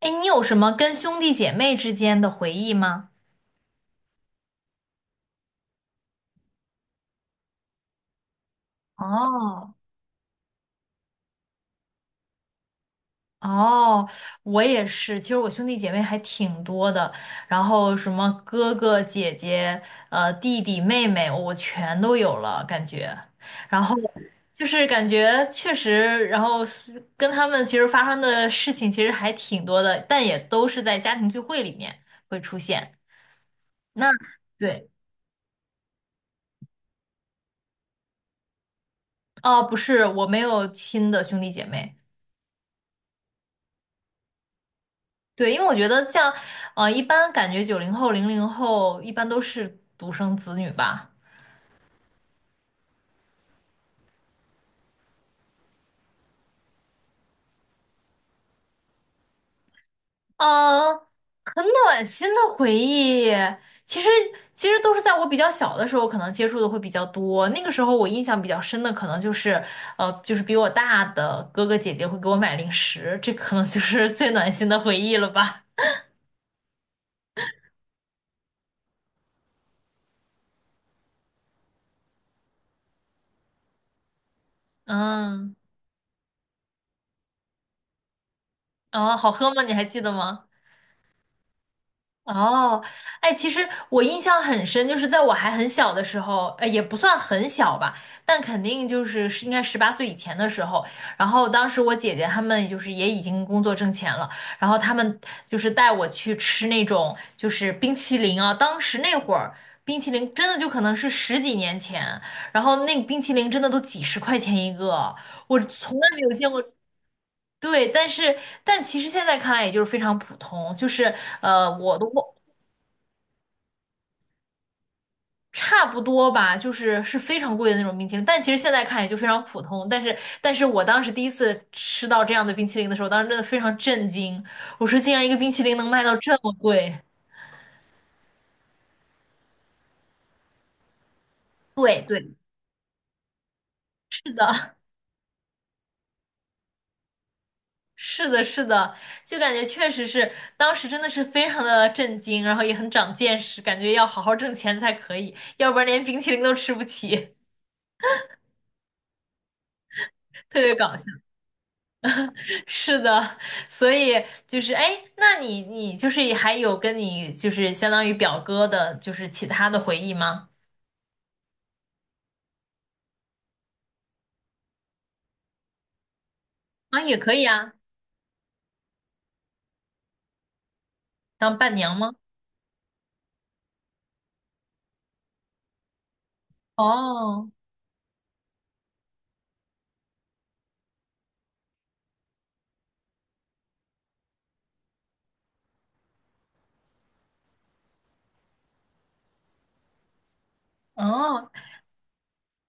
哎，你有什么跟兄弟姐妹之间的回忆吗？哦，哦，我也是。其实我兄弟姐妹还挺多的，然后什么哥哥、姐姐、弟弟、妹妹，我全都有了感觉。然后就是感觉确实，然后是跟他们其实发生的事情其实还挺多的，但也都是在家庭聚会里面会出现。那对，哦，不是，我没有亲的兄弟姐妹。对，因为我觉得像，一般感觉90后、00后一般都是独生子女吧。嗯，很暖心的回忆，其实其实都是在我比较小的时候，可能接触的会比较多。那个时候我印象比较深的，可能就是比我大的哥哥姐姐会给我买零食，这可能就是最暖心的回忆了吧。嗯，哦，好喝吗？你还记得吗？哦，哎，其实我印象很深，就是在我还很小的时候，也不算很小吧，但肯定就是应该18岁以前的时候。然后当时我姐姐她们就是也已经工作挣钱了，然后她们就是带我去吃那种就是冰淇淋啊。当时那会儿冰淇淋真的就可能是十几年前，然后那个冰淇淋真的都几十块钱一个，我从来没有见过。对，但是但其实现在看来，也就是非常普通，就是我都忘差不多吧，就是非常贵的那种冰淇淋，但其实现在看也就非常普通。但是我当时第一次吃到这样的冰淇淋的时候，当时真的非常震惊。我说，竟然一个冰淇淋能卖到这么贵！对对，是的，是的，是的，就感觉确实是，当时真的是非常的震惊，然后也很长见识，感觉要好好挣钱才可以，要不然连冰淇淋都吃不起，特别搞笑。是的，所以就是哎，那你就是还有跟你就是相当于表哥的，就是其他的回忆吗？啊，也可以啊，当伴娘吗？哦哦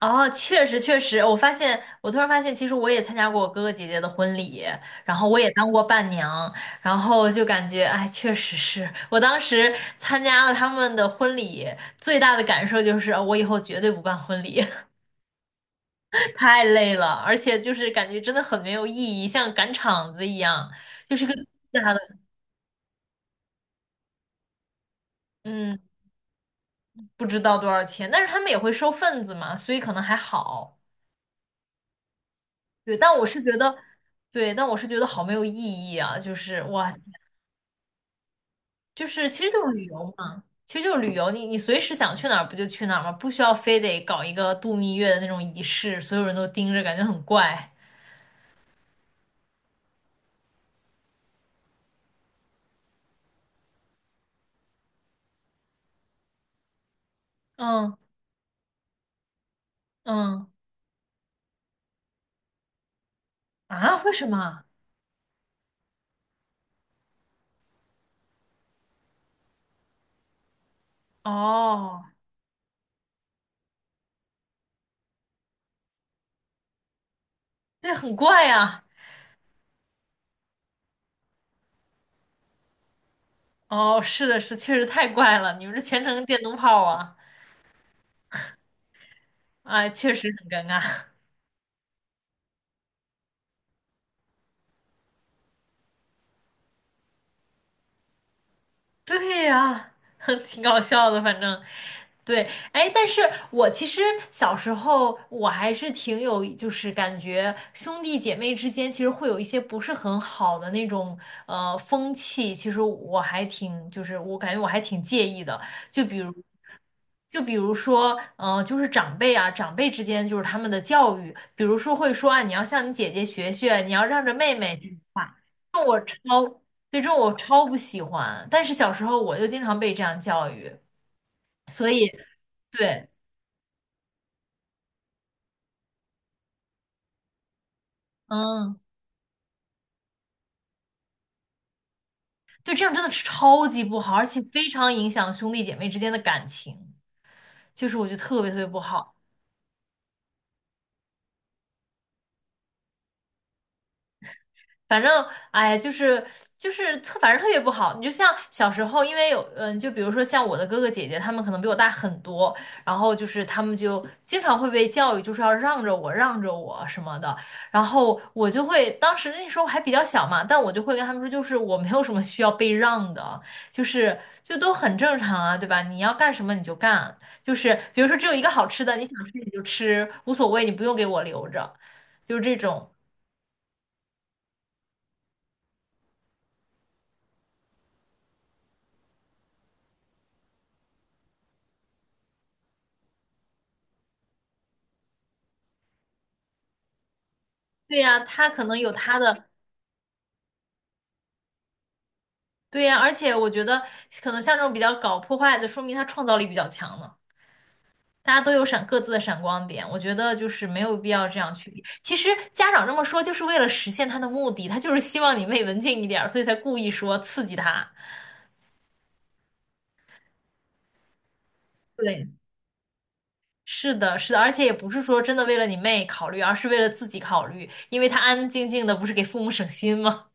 哦，确实确实，我突然发现，其实我也参加过我哥哥姐姐的婚礼，然后我也当过伴娘，然后就感觉哎，确实是我当时参加了他们的婚礼，最大的感受就是，哦我以后绝对不办婚礼。太累了，而且就是感觉真的很没有意义，像赶场子一样，就是个假大的，嗯，不知道多少钱，但是他们也会收份子嘛，所以可能还好。对，但我是觉得，对，但我是觉得好没有意义啊，就是哇，就是其实就是旅游嘛，其实就是旅游，你随时想去哪儿不就去哪儿嘛，不需要非得搞一个度蜜月的那种仪式，所有人都盯着，感觉很怪。嗯嗯，啊，为什么？哦，对，很怪呀、哦，是的，是，确实太怪了，你们这全程电灯泡啊，哎，确实很尴尬。对呀，挺搞笑的，反正对，哎，但是我其实小时候我还是挺有，就是感觉兄弟姐妹之间其实会有一些不是很好的那种风气，其实我还挺，就是我感觉我还挺介意的，就比如。就比如说，嗯，就是长辈啊，长辈之间就是他们的教育，比如说会说啊，你要向你姐姐学学，你要让着妹妹这种话，超，对，这种我超不喜欢。但是小时候我就经常被这样教育，所以对，嗯，对，这样真的是超级不好，而且非常影响兄弟姐妹之间的感情，就是我觉得特别特别不好。反正，哎呀，就是就是特，反正特别不好。你就像小时候，因为有，嗯，就比如说像我的哥哥姐姐，他们可能比我大很多，然后就是他们就经常会被教育，就是要让着我，让着我什么的。然后我就会，当时那时候还比较小嘛，但我就会跟他们说，就是我没有什么需要被让的，就是就都很正常啊，对吧？你要干什么你就干，就是比如说只有一个好吃的，你想吃你就吃，无所谓，你不用给我留着，就是这种。对呀，他可能有他的。对呀，而且我觉得可能像这种比较搞破坏的，说明他创造力比较强呢。大家都有各自的闪光点，我觉得就是没有必要这样去比。其实家长这么说，就是为了实现他的目的，他就是希望你妹文静一点儿，所以才故意说刺激他。对，是的，是的，而且也不是说真的为了你妹考虑，而是为了自己考虑，因为他安安静静的，不是给父母省心吗？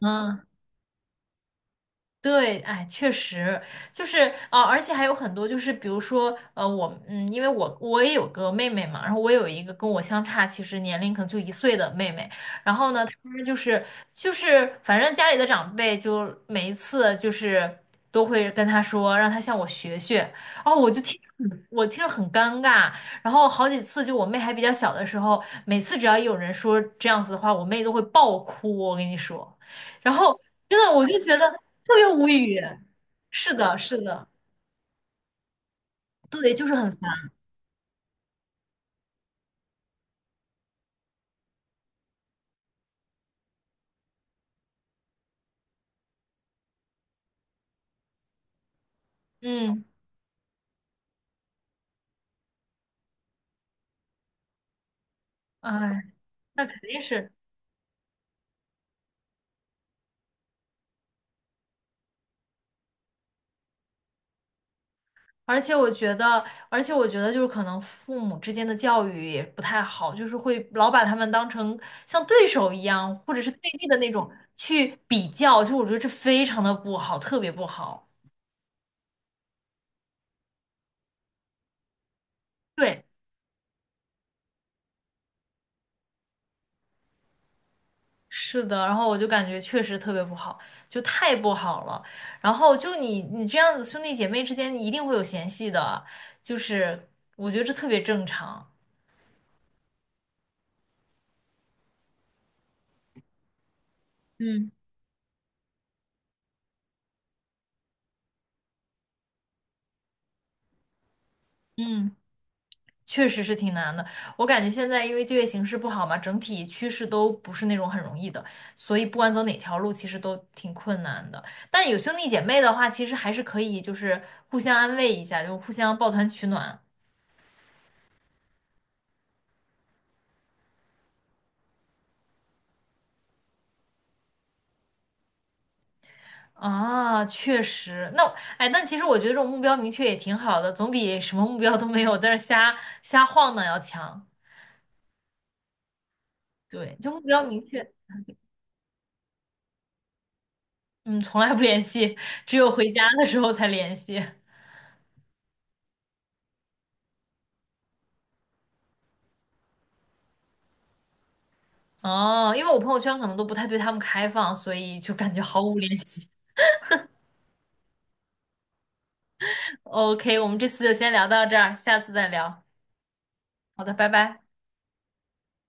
嗯。对，哎，确实就是啊、而且还有很多，就是比如说，因为我也有个妹妹嘛，然后我有一个跟我相差其实年龄可能就1岁的妹妹，然后呢，她就是反正家里的长辈就每一次就是都会跟她说让她向我学学，哦，我听着很尴尬，然后好几次就我妹还比较小的时候，每次只要有人说这样子的话，我妹都会爆哭，我跟你说。然后真的我就觉得特别无语。是的，是的，对，就是很烦。嗯，哎，那肯定是。而且我觉得，而且我觉得就是可能父母之间的教育也不太好，就是会老把他们当成像对手一样，或者是对立的那种去比较，就我觉得这非常的不好，特别不好。对。是的，然后我就感觉确实特别不好，就太不好了。然后就你这样子，兄弟姐妹之间一定会有嫌隙的，就是我觉得这特别正常。嗯嗯确实是挺难的，我感觉现在因为就业形势不好嘛，整体趋势都不是那种很容易的，所以不管走哪条路，其实都挺困难的。但有兄弟姐妹的话，其实还是可以，就是互相安慰一下，就互相抱团取暖。啊，确实，那哎，但其实我觉得这种目标明确也挺好的，总比什么目标都没有在这儿瞎晃荡要强。对，就目标明确，嗯，从来不联系，只有回家的时候才联系。哦，因为我朋友圈可能都不太对他们开放，所以就感觉毫无联系。OK，我们这次就先聊到这儿，下次再聊。好的，拜拜。